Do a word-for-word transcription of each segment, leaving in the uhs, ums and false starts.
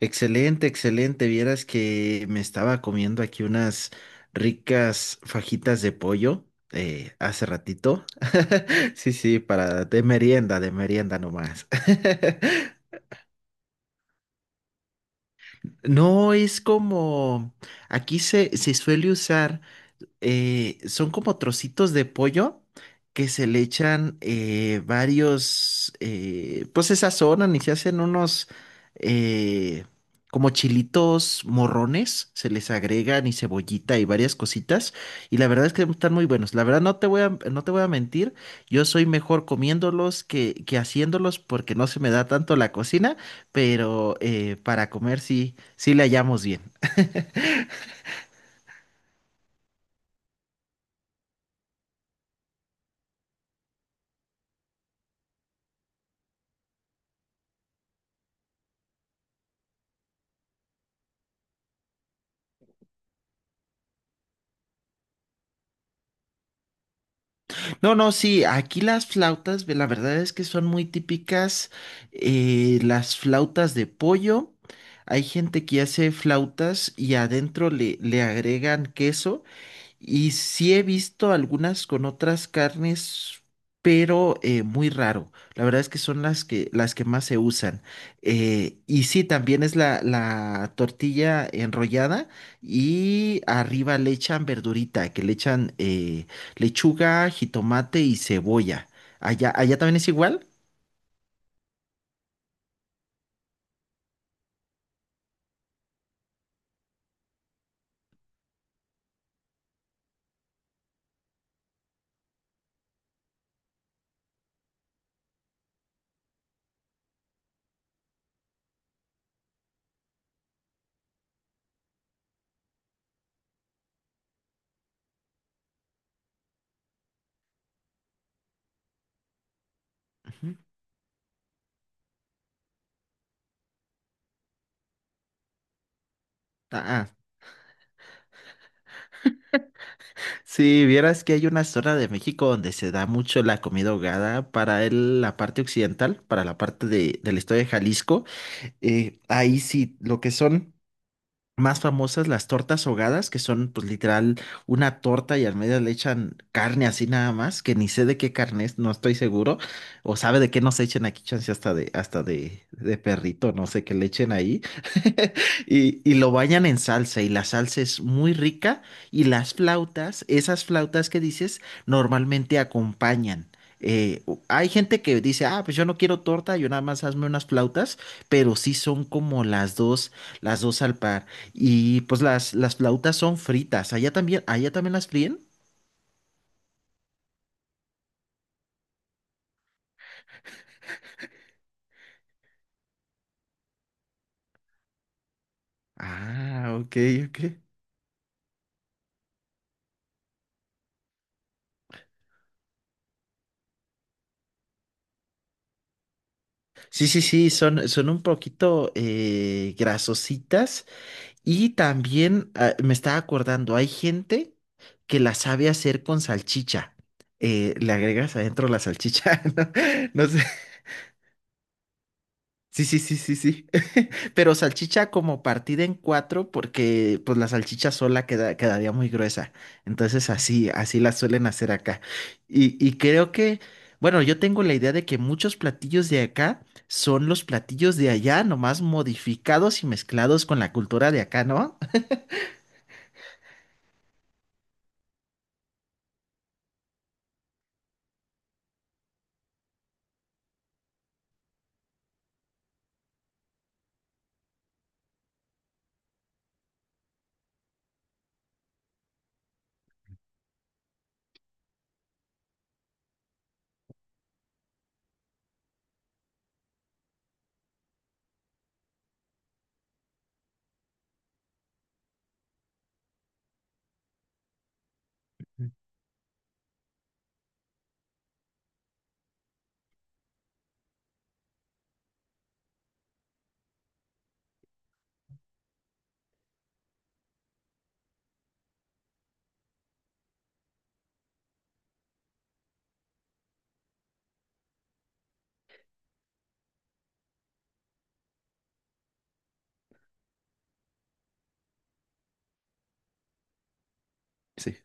Excelente, excelente. Vieras que me estaba comiendo aquí unas ricas fajitas de pollo eh, hace ratito. Sí, sí, para de merienda, de merienda nomás. No es como aquí se, se suele usar. Eh, son como trocitos de pollo que se le echan eh, varios, eh, pues se sazonan y se hacen unos eh, como chilitos morrones, se les agregan y cebollita y varias cositas y la verdad es que están muy buenos. La verdad no te voy a, no te voy a mentir, yo soy mejor comiéndolos que, que haciéndolos porque no se me da tanto la cocina, pero eh, para comer sí, sí le hallamos bien. No, no, sí, aquí las flautas, ve, la verdad es que son muy típicas eh, las flautas de pollo. Hay gente que hace flautas y adentro le, le agregan queso y sí he visto algunas con otras carnes, pero eh, muy raro. La verdad es que son las que, las que más se usan. Eh, y sí, también es la, la tortilla enrollada y arriba le echan verdurita, que le echan eh, lechuga, jitomate y cebolla. Allá, allá también es igual. Ujú. Ah, ah, sí, vieras que hay una zona de México donde se da mucho la comida ahogada para el- la parte occidental, para la parte de, del estado de Jalisco. Eh, ahí sí, lo que son más famosas las tortas ahogadas, que son pues literal una torta y al medio le echan carne así nada más, que ni sé de qué carne es, no estoy seguro, o sabe de qué nos echen aquí, chance hasta de, hasta de, de perrito, no sé qué le echen ahí, y, y lo bañan en salsa y la salsa es muy rica y las flautas, esas flautas que dices, normalmente acompañan. Eh, u- hay gente que dice, ah, pues yo no quiero torta, yo nada más hazme unas flautas, pero sí son como las dos, las dos al par. Y pues las, las flautas son fritas. ¿Allá también, allá también las fríen? Ah, ok, ok. Sí, sí, sí, son, son un poquito eh, grasositas. Y también ah, me estaba acordando, hay gente que las sabe hacer con salchicha. Eh, le agregas adentro la salchicha, ¿no? No sé. Sí, sí, sí, sí, sí. Pero salchicha como partida en cuatro, porque pues la salchicha sola queda, quedaría muy gruesa. Entonces así, así la suelen hacer acá. Y, y creo que, bueno, yo tengo la idea de que muchos platillos de acá son los platillos de allá, nomás modificados y mezclados con la cultura de acá, ¿no? Sí.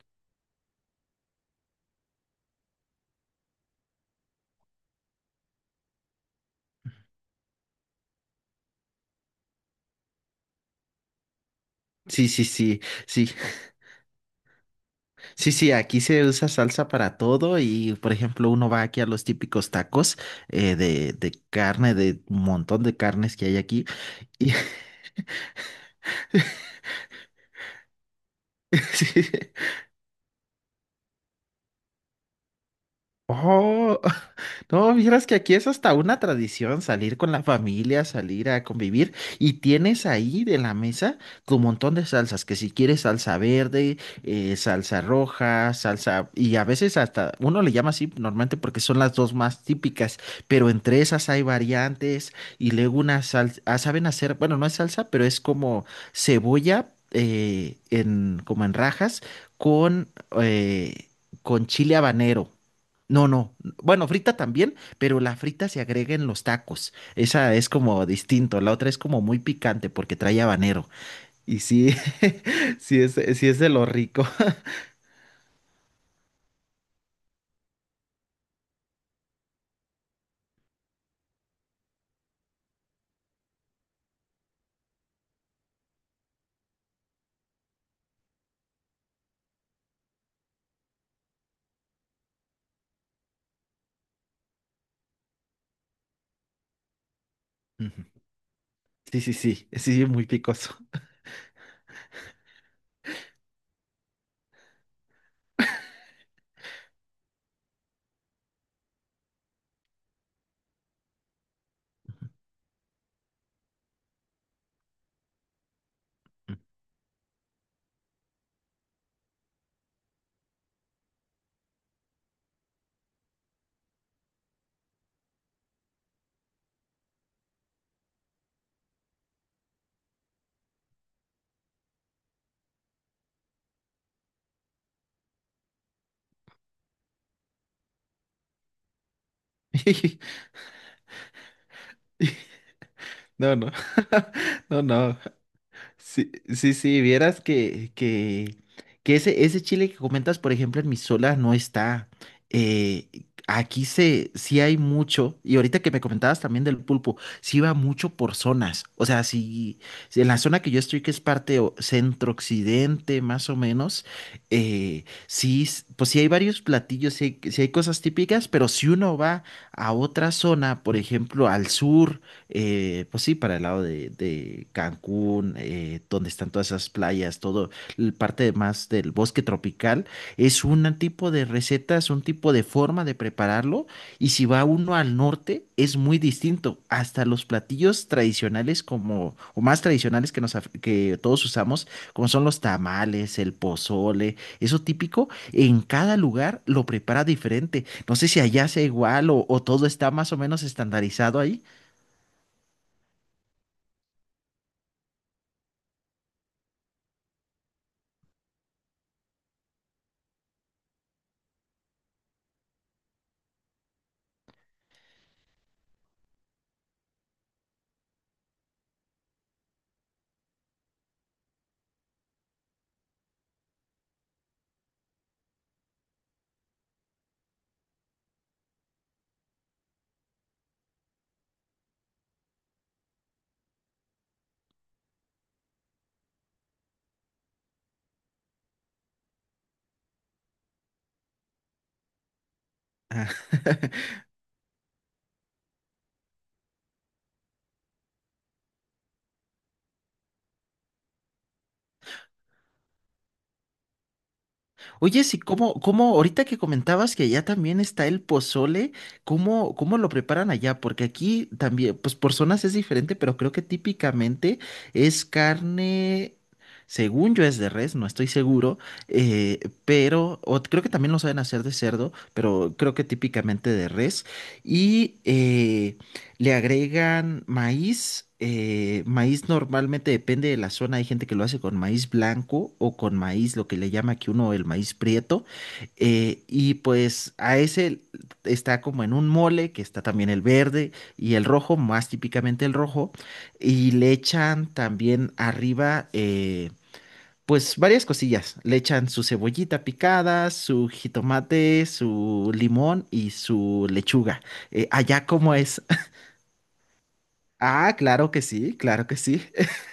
Sí, sí, sí, sí. Sí, sí, aquí se usa salsa para todo y, por ejemplo, uno va aquí a los típicos tacos eh, de, de carne, de un montón de carnes que hay aquí. Y, sí. Oh, no, vieras que aquí es hasta una tradición salir con la familia, salir a convivir y tienes ahí de la mesa tu montón de salsas, que si quieres salsa verde, eh, salsa roja, salsa y a veces hasta uno le llama así normalmente porque son las dos más típicas, pero entre esas hay variantes y luego una salsa, saben hacer, bueno, no es salsa, pero es como cebolla eh, en, como en rajas con, eh, con chile habanero. No, no. Bueno, frita también, pero la frita se agrega en los tacos. Esa es como distinto. La otra es como muy picante porque trae habanero. Y sí, sí es, sí es de lo rico. Ujú. Sí, sí, sí, sí, muy picoso. No, no, no, no. Sí, sí, sí, vieras que, que, que ese, ese chile que comentas, por ejemplo, en Misola no está. Eh, aquí se, sí hay mucho, y ahorita que me comentabas también del pulpo, sí va mucho por zonas. O sea, si, si en la zona que yo estoy, que es parte o- centro-occidente, más o menos, eh, sí, s- pues sí hay varios platillos, sí hay, sí hay cosas típicas, pero si uno va a otra zona, por ejemplo, al sur, eh, pues sí, para el lado de, de Cancún, eh, donde están todas esas playas, todo, el parte más del bosque tropical, es un tipo de recetas, un tipo de forma de prepararlo. Y si va uno al norte, es muy distinto. Hasta los platillos tradicionales como, o más tradicionales que, nos, af- que todos usamos, como son los tamales, el pozole, eso típico, en cada lugar lo prepara diferente. No sé si allá sea igual o, o todo está más o menos estandarizado ahí. Oye, sí, ¿cómo, cómo, ahorita que comentabas que allá también está el pozole, cómo, cómo lo preparan allá? Porque aquí también, pues por zonas es diferente, pero creo que típicamente es carne, según yo es de res, no estoy seguro, eh, pero, o creo que también lo saben hacer de cerdo, pero creo que típicamente de res. Y eh, le agregan maíz, eh, maíz normalmente depende de la zona, hay gente que lo hace con maíz blanco o con maíz, lo que le llama aquí uno el maíz prieto, eh, y pues a ese está como en un mole, que está también el verde y el rojo, más típicamente el rojo, y le echan también arriba... eh, pues varias cosillas. Le echan su cebollita picada, su jitomate, su limón y su lechuga. Eh, allá, ¿cómo es? Ah, claro que sí, claro que sí.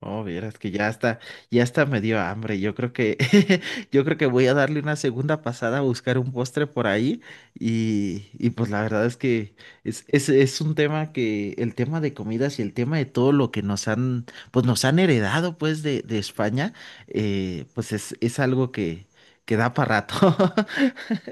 Oh, vieras que ya está, ya está me dio hambre. Yo creo que, yo creo que voy a darle una segunda pasada a buscar un postre por ahí. Y, y pues la verdad es que es, es, es un tema que, el tema de comidas y el tema de todo lo que nos han, pues nos han heredado pues de, de España, eh, pues es, es algo que, que da para rato.